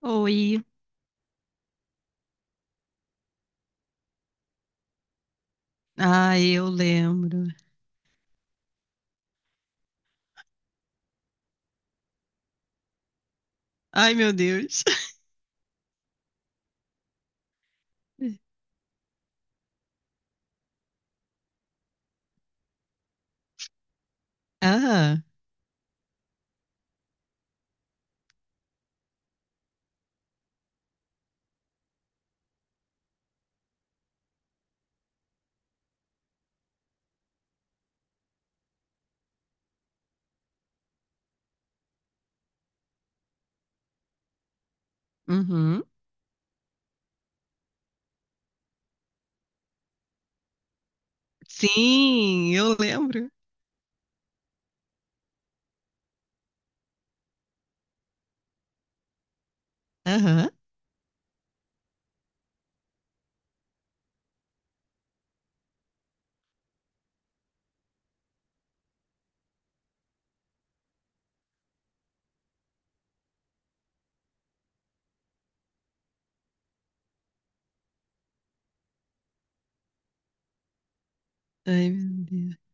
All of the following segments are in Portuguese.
Oi. Ah, eu lembro. Ai, meu Deus. Ah, uhum. Sim, eu lembro. Aham. Ai, meu Deus.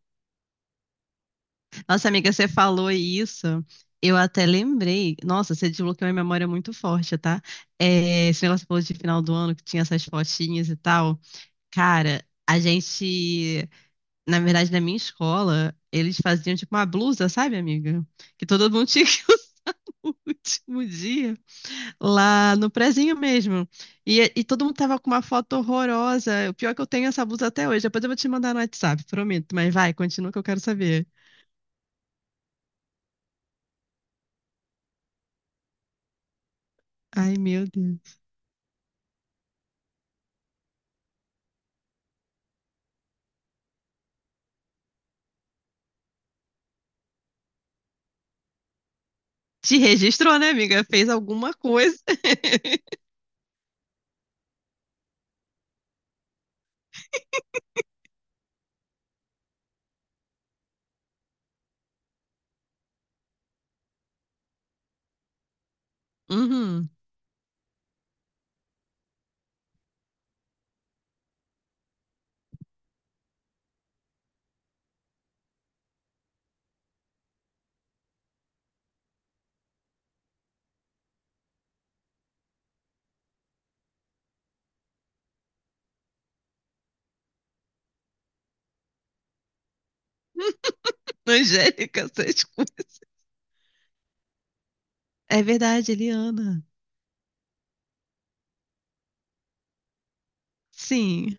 Nossa, amiga, você falou isso. Eu até lembrei. Nossa, você desbloqueou uma memória muito forte, tá? É, esse negócio que você falou de final do ano que tinha essas fotinhas e tal. Cara, a gente, na verdade, na minha escola, eles faziam tipo uma blusa, sabe, amiga? Que todo mundo tinha que o último dia. Lá no prezinho mesmo. E todo mundo tava com uma foto horrorosa. O pior é que eu tenho essa blusa até hoje. Depois eu vou te mandar no WhatsApp, prometo. Mas vai, continua que eu quero saber. Ai, meu Deus. Te registrou, né, amiga? Fez alguma coisa. Uhum. Angélica, essas coisas. É verdade, Eliana. Sim.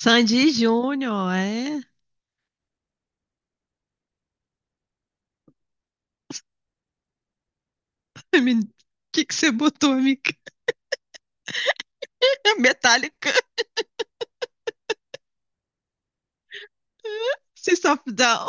Sandy Júnior, é? O que que você botou, amiga? Metallica. System of a Down.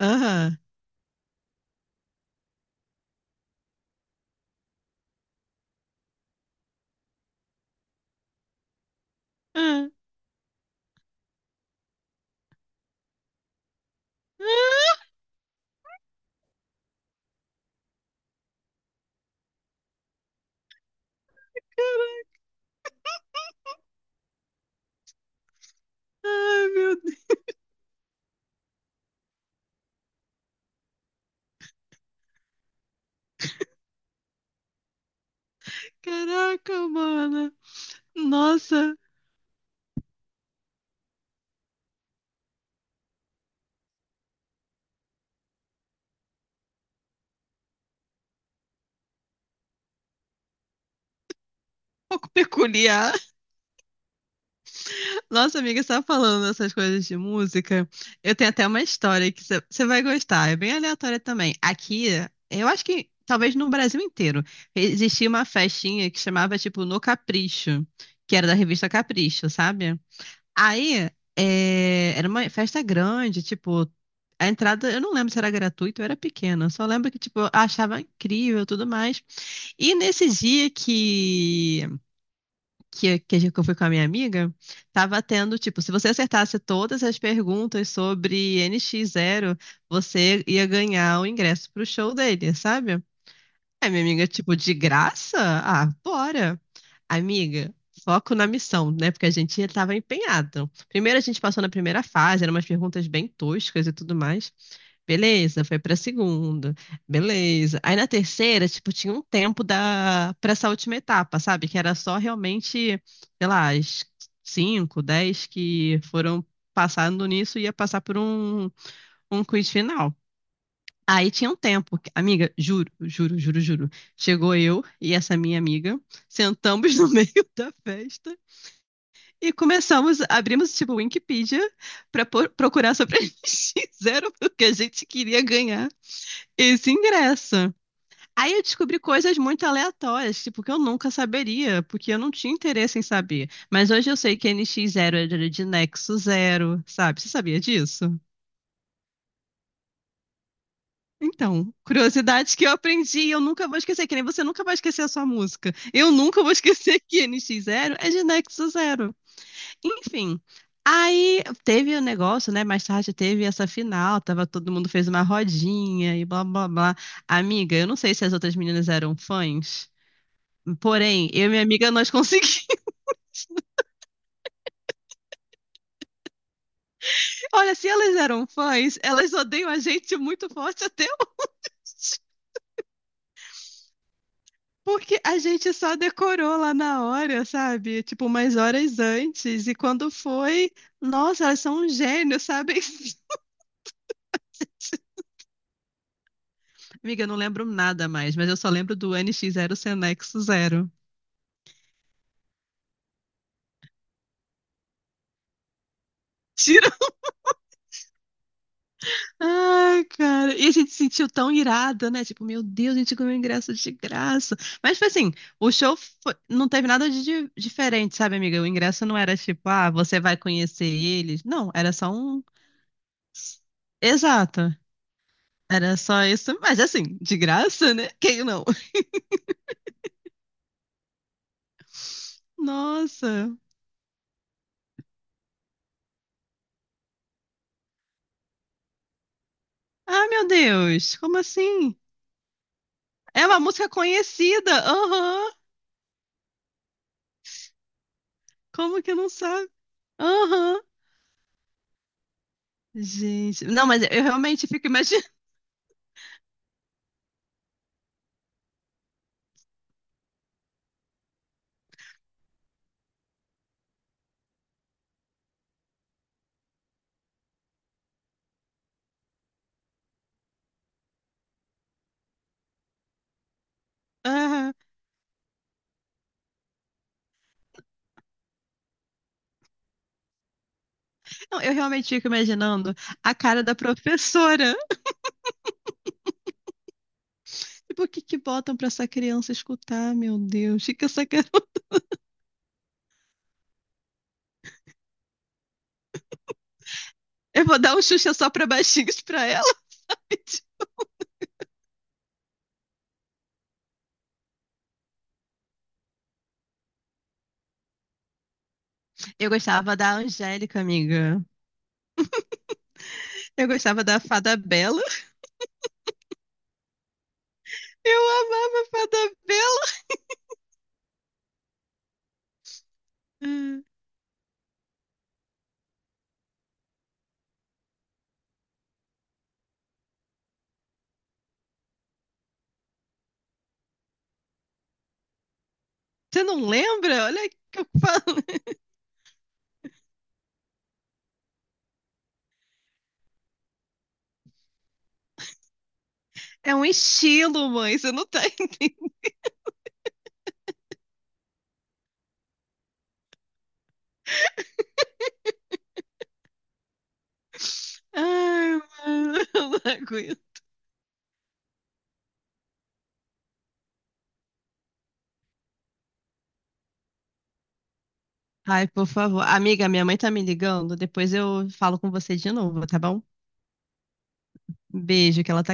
Aham. Ah. Ah. Ai, meu Caraca, mano. Nossa, um pouco peculiar. Nossa, amiga, você tá falando essas coisas de música. Eu tenho até uma história que você vai gostar. É bem aleatória também. Aqui, eu acho que talvez no Brasil inteiro, existia uma festinha que chamava, tipo, No Capricho, que era da revista Capricho, sabe? Aí, é, era uma festa grande, tipo, a entrada, eu não lembro se era gratuita ou era pequena. Só lembro que, tipo, eu achava incrível e tudo mais. E nesse dia que eu fui com a minha amiga, tava tendo, tipo, se você acertasse todas as perguntas sobre NX Zero, você ia ganhar o ingresso pro show dele, sabe? Aí minha amiga, tipo, de graça? Ah, bora. Amiga, foco na missão, né? Porque a gente tava empenhado. Primeiro a gente passou na primeira fase, eram umas perguntas bem toscas e tudo mais. Beleza, foi pra segunda. Beleza. Aí na terceira, tipo, tinha um tempo da para essa última etapa, sabe? Que era só realmente, sei lá, as cinco, dez que foram passando nisso ia passar por um quiz final. Aí tinha um tempo. Amiga, juro, juro, juro, juro. Chegou eu e essa minha amiga, sentamos no meio da festa e começamos, abrimos tipo Wikipedia para procurar sobre a NX Zero, porque a gente queria ganhar. Esse ingresso. Aí eu descobri coisas muito aleatórias, tipo, que eu nunca saberia, porque eu não tinha interesse em saber. Mas hoje eu sei que NX Zero era de Nexo Zero, sabe? Você sabia disso? Então, curiosidades que eu aprendi e eu nunca vou esquecer, que nem você nunca vai esquecer a sua música. Eu nunca vou esquecer que NX Zero é de Nexo Zero. Enfim. Aí teve o negócio, né? Mais tarde teve essa final, tava todo mundo fez uma rodinha e blá blá blá. Amiga, eu não sei se as outras meninas eram fãs, porém, eu e minha amiga, nós conseguimos. Olha, se elas eram fãs, elas odeiam a gente muito forte até hoje. Porque a gente só decorou lá na hora, sabe? Tipo, umas horas antes. E quando foi, nossa, elas são um gênio, sabe? Amiga, eu não lembro nada mais, mas eu só lembro do NX Zero Senex 0. Ai, cara. E a gente se sentiu tão irada, né? Tipo, meu Deus, a gente ganhou ingresso de graça. Mas foi assim, o show não teve nada de diferente, sabe, amiga? O ingresso não era tipo, ah, você vai conhecer eles. Não, era só um. Exato. Era só isso. Mas assim, de graça, né? Quem não? Nossa. Ah, meu Deus. Como assim? É uma música conhecida. Aham. Como que não sabe? Aham. Gente. Não, mas eu realmente fico imaginando. Não, eu realmente fico imaginando a cara da professora. Tipo, o que que botam pra essa criança escutar? Meu Deus, o que que essa garota... Eu vou dar um Xuxa só pra baixinhos pra ela. Eu gostava da Angélica, amiga. Eu gostava da Fada Bela. Eu amava a Fada Bela. Você não lembra? Olha o que eu falo. É um estilo, mãe. Você não tá entendendo. Ai, mano, eu não aguento. Ai, por favor. Amiga, minha mãe tá me ligando. Depois eu falo com você de novo, tá bom? Beijo, que ela tá